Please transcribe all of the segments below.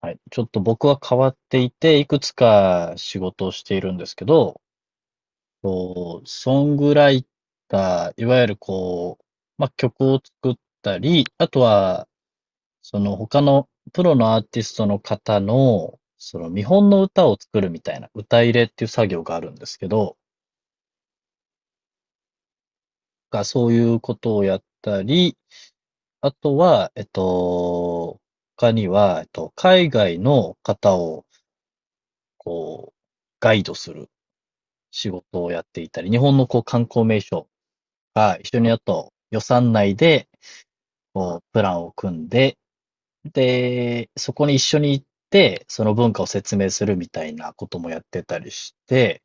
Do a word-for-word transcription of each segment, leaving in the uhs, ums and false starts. はい。ちょっと僕は変わっていて、いくつか仕事をしているんですけど、こうソングライター、いわゆるこう、まあ、曲を作ったり、あとは、その他のプロのアーティストの方の、その見本の歌を作るみたいな、歌入れっていう作業があるんですけど、がそういうことをやったり、あとは、えっと、他には、えっと、海外の方を、こう、ガイドする仕事をやっていたり、日本のこう観光名所が一緒にやると予算内でこうプランを組んで、で、そこに一緒に行って、その文化を説明するみたいなこともやってたりして、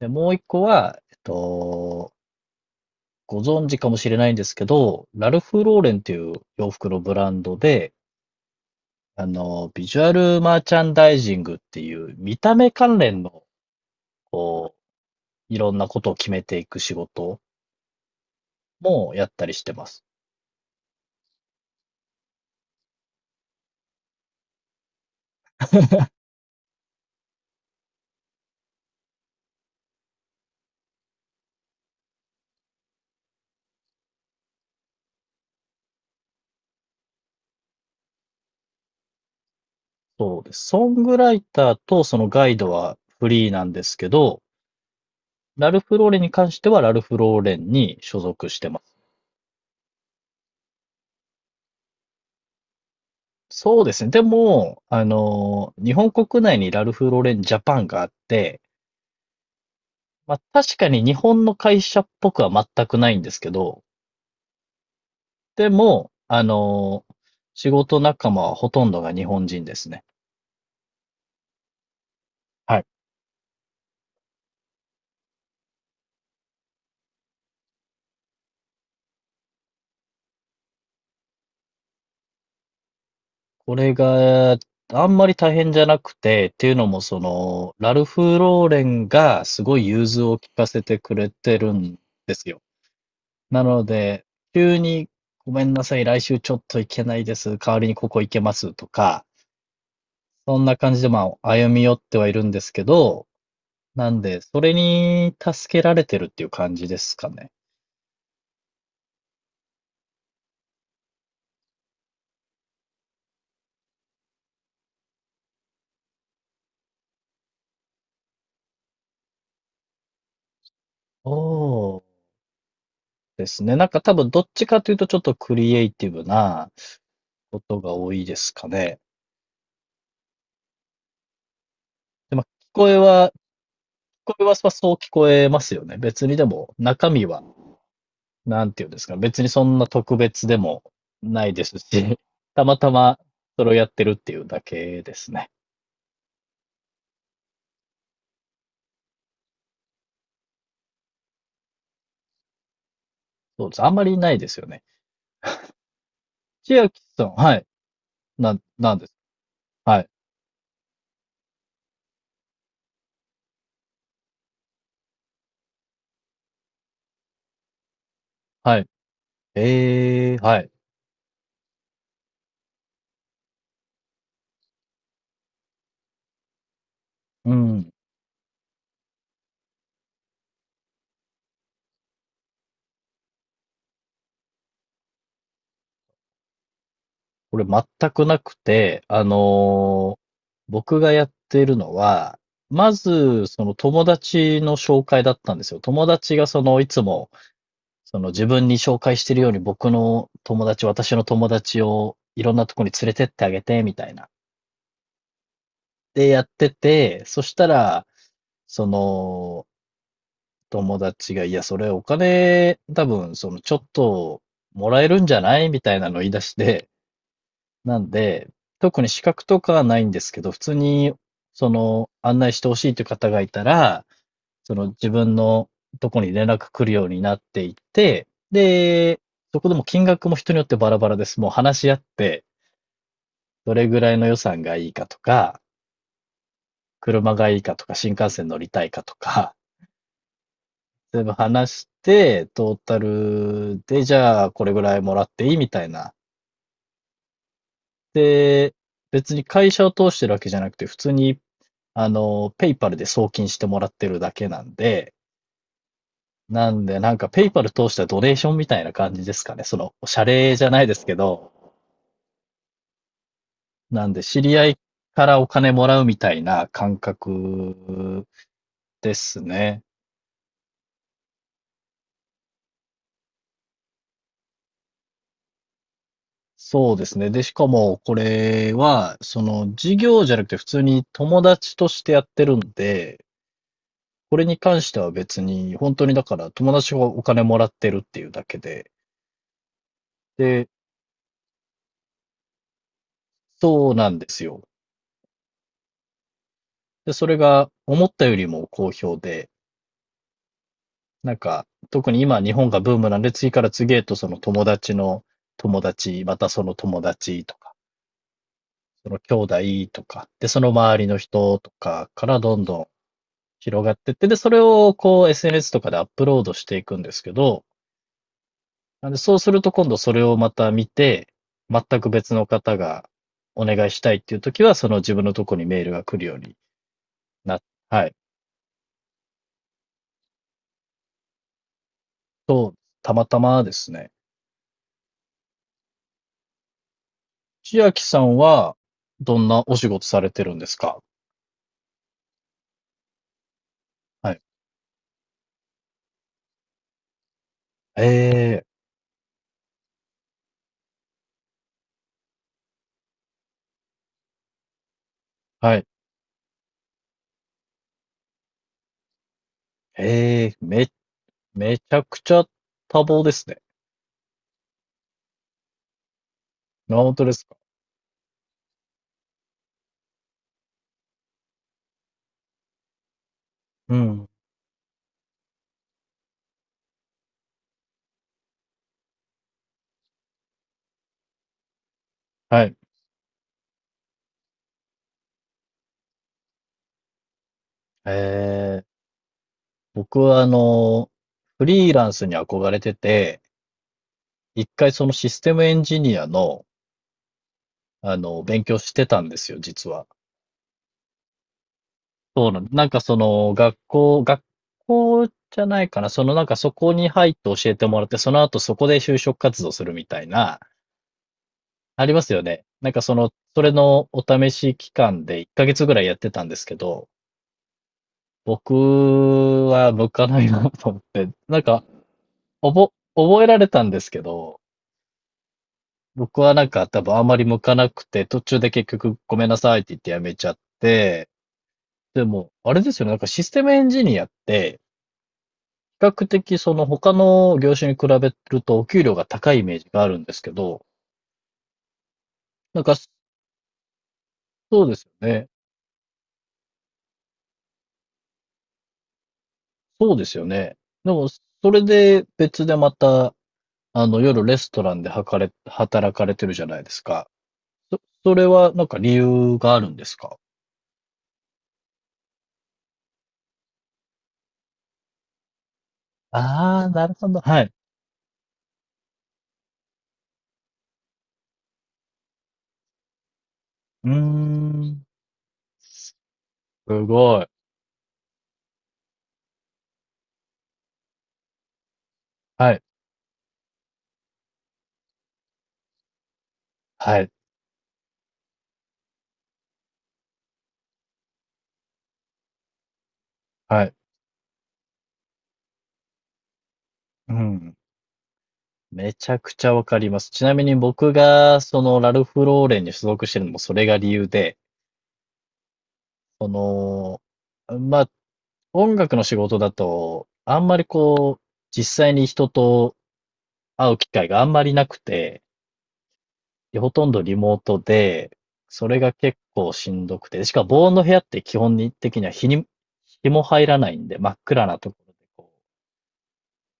で、もう一個は、えっと、ご存知かもしれないんですけど、ラルフ・ローレンっていう洋服のブランドで、あの、ビジュアルマーチャンダイジングっていう見た目関連の、こう、いろんなことを決めていく仕事もやったりしてます。そうです。ソングライターとそのガイドはフリーなんですけど、ラルフローレンに関してはラルフローレンに所属してます。そうですね。でも、あの、日本国内にラルフローレンジャパンがあって、まあ確かに日本の会社っぽくは全くないんですけど、でも、あの、仕事仲間はほとんどが日本人ですね。はい。これが、あんまり大変じゃなくて、っていうのも、その、ラルフ・ローレンがすごい融通を聞かせてくれてるんですよ。なので、急に、ごめんなさい、来週ちょっと行けないです。代わりにここ行けますとか、そんな感じで、まあ、歩み寄ってはいるんですけど、なんで、それに助けられてるっていう感じですかね。そうですね。なんか多分どっちかというとちょっとクリエイティブなことが多いですかね。で、まあ、聞こえは、聞こえはそう聞こえますよね。別にでも、中身は、なんていうんですか、別にそんな特別でもないですし、たまたまそれをやってるっていうだけですね。そうです。あんまりないですよね。千秋さん、はい。な、なんです。はい。はい。ええー、はい。うん。これ全くなくて、あのー僕がやってるのは、まず、その友達の紹介だったんですよ。友達がその、いつも、その自分に紹介してるように僕の友達、私の友達をいろんなとこに連れてってあげて、みたいな。で、やってて、そしたら、その、友達が、いや、それお金、多分、その、ちょっと、もらえるんじゃないみたいなのを言い出して、なんで、特に資格とかはないんですけど、普通に、その、案内してほしいという方がいたら、その自分のとこに連絡来るようになっていて、で、そこでも金額も人によってバラバラです。もう話し合って、どれぐらいの予算がいいかとか、車がいいかとか、新幹線乗りたいかとか、全部話して、トータルで、じゃあこれぐらいもらっていいみたいな。で、別に会社を通してるわけじゃなくて、普通に、あの、ペイパルで送金してもらってるだけなんで、なんで、なんかペイパル通したドネーションみたいな感じですかね。その、謝礼じゃないですけど、なんで、知り合いからお金もらうみたいな感覚ですね。そうですね。で、しかも、これは、その、事業じゃなくて普通に友達としてやってるんで、これに関しては別に、本当にだから友達がお金もらってるっていうだけで、で、そうなんですよ。で、それが思ったよりも好評で、なんか、特に今日本がブームなんで、次から次へとその友達の友達、またその友達とか、その兄弟とか、で、その周りの人とかからどんどん広がってって、で、それをこう エスエヌエス とかでアップロードしていくんですけど、なんでそうすると今度それをまた見て、全く別の方がお願いしたいっていう時は、その自分のとこにメールが来るようになっ、はい。と、たまたまですね。千秋さんはどんなお仕事されてるんですか？はい。ええ、はい。ええ、め、めちゃくちゃ多忙ですね。あ、本当ですか。うん。はい。ええ、僕はあの、フリーランスに憧れてて、一回そのシステムエンジニアの、あの、勉強してたんですよ、実は。そうなん、なんかその、学校、学校じゃないかな。そのなんかそこに入って教えてもらって、その後そこで就職活動するみたいな、ありますよね。なんかその、それのお試し期間でいっかげつぐらいやってたんですけど、僕は向かないなと思って、なんか、おぼ、覚えられたんですけど、僕はなんか多分あんまり向かなくて、途中で結局ごめんなさいって言ってやめちゃって、でも、あれですよね、なんかシステムエンジニアって、比較的その他の業種に比べるとお給料が高いイメージがあるんですけど、なんかそうですよね。そうですよね。でも、それで別でまたあの、夜レストランではかれ、働かれてるじゃないですか。そ、それはなんか理由があるんですか？ああー、なるほど。はい。うーん。すごい。はい。はい。はい。うん。めちゃくちゃわかります。ちなみに僕が、その、ラルフ・ローレンに所属してるのもそれが理由で、その、まあ、音楽の仕事だと、あんまりこう、実際に人と会う機会があんまりなくて、で、ほとんどリモートで、それが結構しんどくて、しかも防音の部屋って基本的には日に、日も入らないんで、真っ暗なところでこ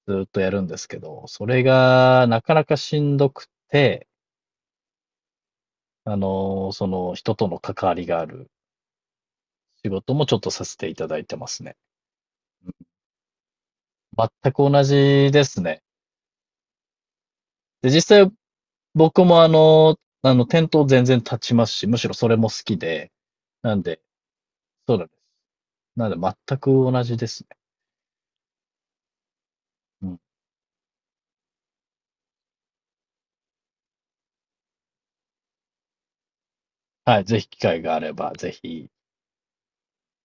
う、ずーっとやるんですけど、それがなかなかしんどくて、あのーその人との関わりがある仕事もちょっとさせていただいてますね。うん、全く同じですね。で、実際僕もあの、あの、店頭全然立ちますし、むしろそれも好きで、なんで、そうだね。なんで全く同じですね。うん、はい、ぜひ機会があれば、ぜひ、